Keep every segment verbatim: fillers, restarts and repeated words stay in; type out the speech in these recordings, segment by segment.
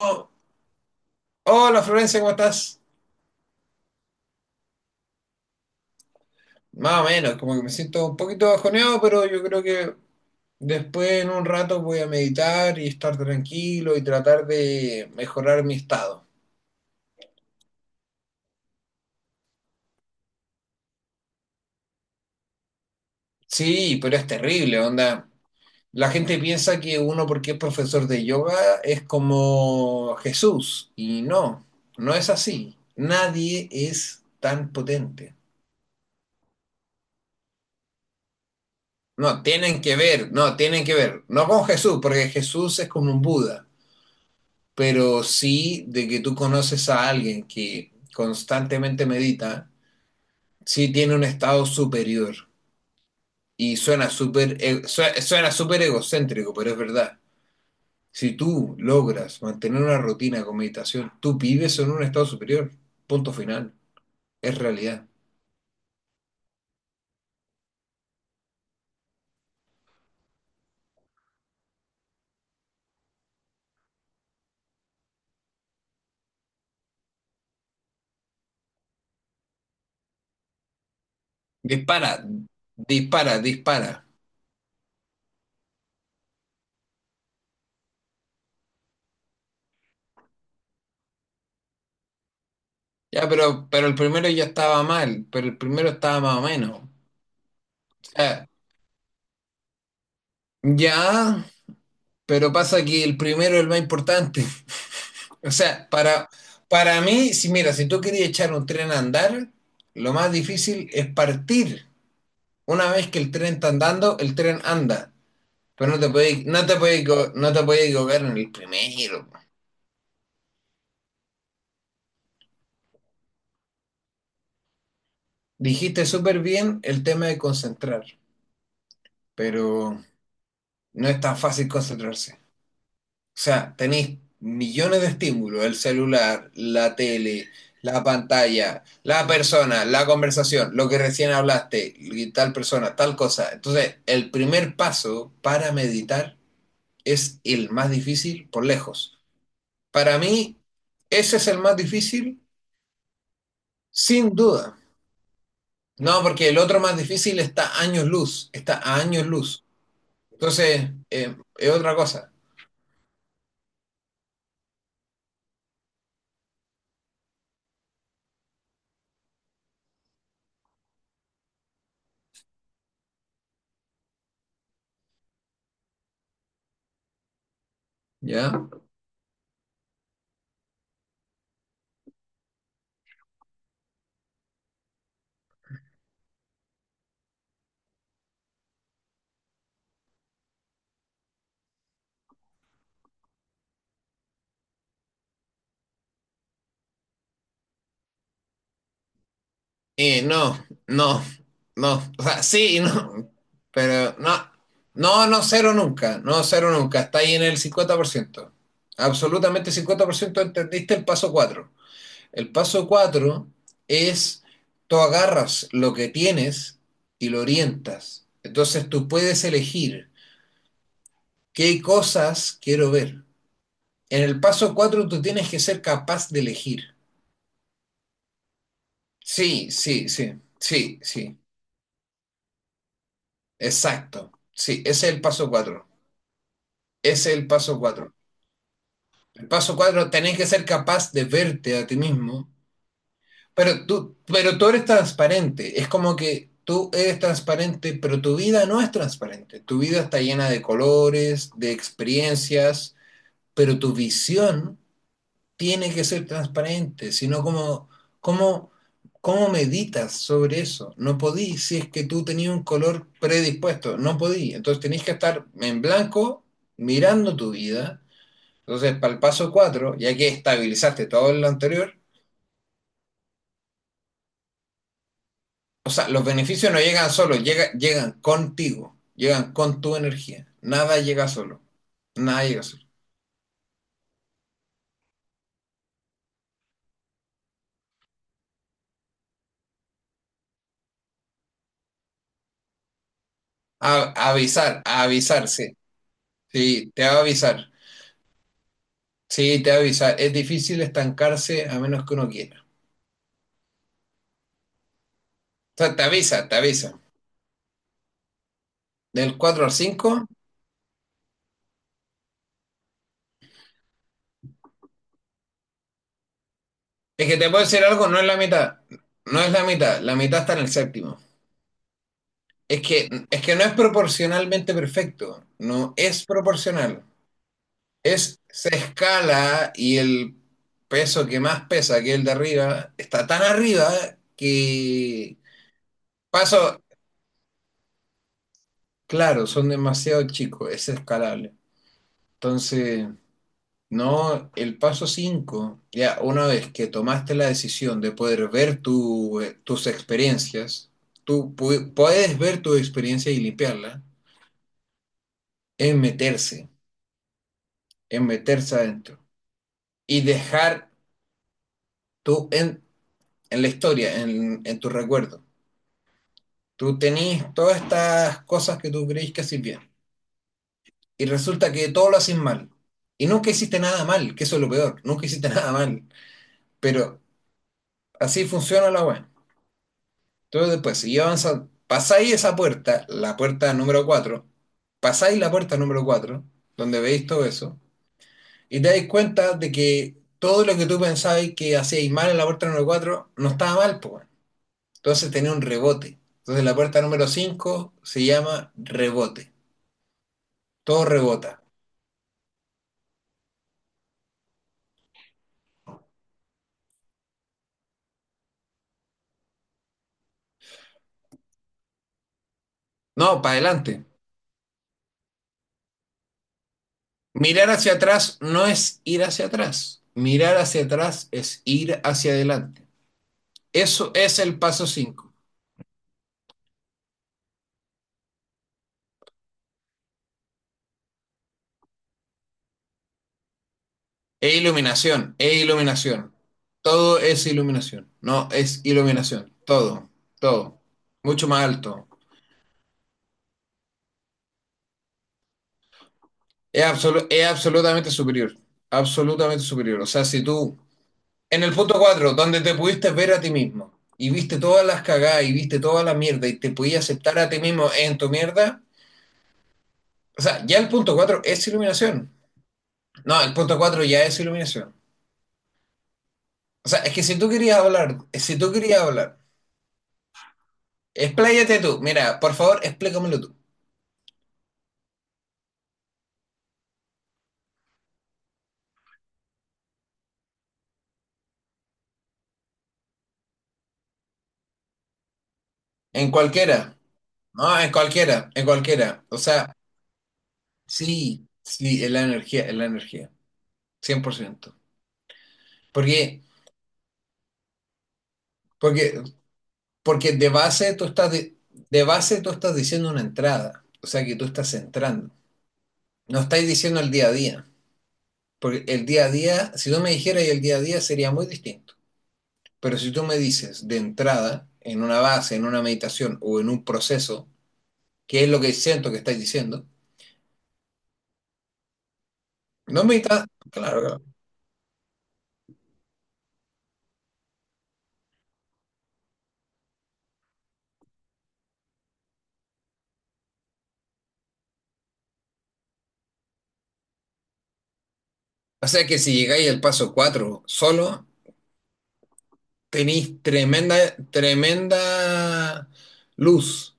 Oh, hola Florencia, ¿cómo estás? Más o menos, como que me siento un poquito bajoneado, pero yo creo que después en un rato voy a meditar y estar tranquilo y tratar de mejorar mi estado. Sí, pero es terrible, onda. La gente piensa que uno porque es profesor de yoga es como Jesús, y no, no es así. Nadie es tan potente. No, tienen que ver, no, tienen que ver. No con Jesús, porque Jesús es como un Buda. Pero sí de que tú conoces a alguien que constantemente medita, sí tiene un estado superior. Y suena súper e- sue- suena súper egocéntrico, pero es verdad. Si tú logras mantener una rutina con meditación, tú vives en un estado superior. Punto final. Es realidad. Dispara, dispara, dispara. Ya, pero, pero el primero ya estaba mal, pero el primero estaba más o menos. O sea, ya, pero pasa que el primero es el más importante. O sea, para, para mí, si mira, si tú querías echar un tren a andar, lo más difícil es partir. Una vez que el tren está andando, el tren anda. Pero no te puedes, no te puedes, equivo- no te puedes equivocar en el primero. Dijiste súper bien el tema de concentrar, pero no es tan fácil concentrarse. O sea, tenéis millones de estímulos, el celular, la tele, la pantalla, la persona, la conversación, lo que recién hablaste, y tal persona, tal cosa. Entonces, el primer paso para meditar es el más difícil por lejos. Para mí, ese es el más difícil, sin duda. No, porque el otro más difícil está a años luz, está a años luz. Entonces, eh, es otra cosa, ¿ya? Y no, no, no, o sea, sí y no, pero no, no, no, cero nunca, no, cero nunca, está ahí en el cincuenta por ciento. Absolutamente cincuenta por ciento entendiste el paso cuatro. El paso cuatro es, tú agarras lo que tienes y lo orientas, entonces tú puedes elegir qué cosas quiero ver. En el paso cuatro tú tienes que ser capaz de elegir. Sí, sí, sí, sí, sí, exacto, sí, ese es el paso cuatro. Ese es el paso cuatro. El paso cuatro tenés que ser capaz de verte a ti mismo, pero tú, pero tú eres transparente. Es como que tú eres transparente, pero tu vida no es transparente. Tu vida está llena de colores, de experiencias, pero tu visión tiene que ser transparente, sino como, como, ¿cómo meditas sobre eso? No podí, si es que tú tenías un color predispuesto, no podí. Entonces tenés que estar en blanco mirando tu vida. Entonces, para el paso cuatro ya que estabilizaste todo lo anterior, o sea, los beneficios no llegan solos, llega- llegan contigo, llegan con tu energía. Nada llega solo, nada llega solo. A- avisar, a avisar, sí. Sí, te va a avisar. Sí, te va a avisar. Es difícil estancarse a menos que uno quiera. O sea, te avisa, te avisa. Del cuatro al cinco, es que te puedo decir algo, no es la mitad. No es la mitad, la mitad está en el séptimo. Es que, es que no es proporcionalmente perfecto, no es proporcional. Es, se escala y el peso que más pesa, que el de arriba, está tan arriba que paso, claro, son demasiado chicos, es escalable. Entonces, no, el paso cinco ya una vez que tomaste la decisión de poder ver tu, eh, tus experiencias, tú pu- puedes ver tu experiencia y limpiarla, es meterse, es meterse adentro y dejar tú en, en la historia, en, en tu recuerdo. Tú tenés todas estas cosas que tú creís que haces bien y resulta que todo lo haces mal. Y nunca hiciste nada mal, que eso es lo peor, nunca hiciste nada mal. Pero así funciona la web. Entonces después, si avanzas, pasáis esa puerta, la puerta número cuatro, pasáis la puerta número cuatro, donde veis todo eso, y te dais cuenta de que todo lo que tú pensabas que hacíais mal en la puerta número cuatro no estaba mal, pues. Entonces tenía un rebote. Entonces la puerta número cinco se llama rebote. Todo rebota. No, para adelante. Mirar hacia atrás no es ir hacia atrás. Mirar hacia atrás es ir hacia adelante. Eso es el paso cinco. E iluminación, e iluminación. Todo es iluminación. No, es iluminación. Todo, todo. Mucho más alto. Es, absolu- es absolutamente superior. Absolutamente superior. O sea, si tú, en el punto cuatro, donde te pudiste ver a ti mismo y viste todas las cagadas y viste toda la mierda y te pudiste aceptar a ti mismo en tu mierda. O sea, ya el punto cuatro es iluminación. No, el punto cuatro ya es iluminación. O sea, es que si tú querías hablar, si tú querías hablar, expláyate tú. Mira, por favor, explícamelo tú. En cualquiera. No, en cualquiera, en cualquiera. O sea, sí, sí, es la energía, es la energía. Cien por ciento. Porque, porque, porque de base tú estás, di- de base tú estás diciendo una entrada. O sea, que tú estás entrando. No estáis diciendo el día a día. Porque el día a día, si tú me dijeras el día a día, sería muy distinto. Pero si tú me dices de entrada, en una base, en una meditación o en un proceso, qué es lo que siento que estáis diciendo, no meditas, claro, claro. O sea que si llegáis al paso cuatro solo, tenéis tremenda, tremenda luz.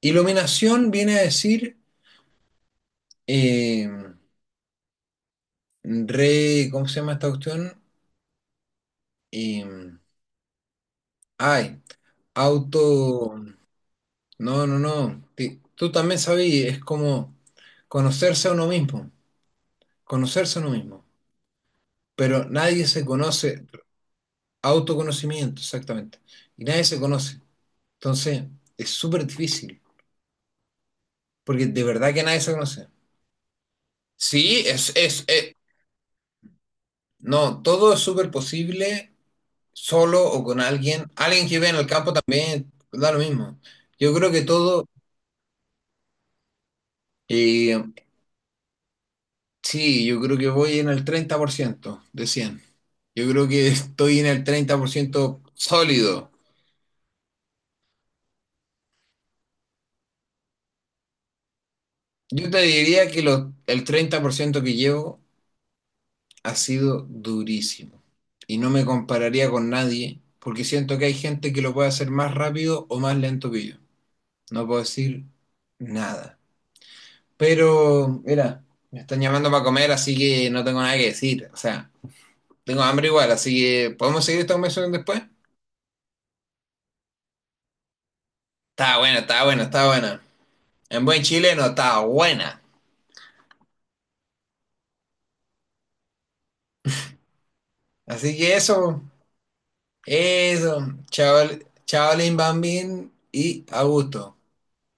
Iluminación viene a decir, eh, re, ¿cómo se llama esta cuestión? Eh, ay, auto, no, no, no, ti- tú también sabías, es como conocerse a uno mismo. Conocerse a uno mismo. Pero nadie se conoce, autoconocimiento, exactamente. Y nadie se conoce. Entonces, es súper difícil, porque de verdad que nadie se conoce. Sí, es, es, es- no, todo es súper posible solo o con alguien. Alguien que vive en el campo también da lo mismo. Yo creo que todo, eh, sí, yo creo que voy en el treinta por ciento de cien. Yo creo que estoy en el treinta por ciento sólido. Yo te diría que lo- el treinta por ciento que llevo ha sido durísimo. Y no me compararía con nadie, porque siento que hay gente que lo puede hacer más rápido o más lento que yo. No puedo decir nada. Pero, mira, me están llamando para comer, así que no tengo nada que decir. O sea, tengo hambre igual, así que ¿podemos seguir esta conversación después? Está buena, está buena, está buena. En buen chileno, está buena. Así que eso, eso. Chaval, chavalín, bambín y a gusto.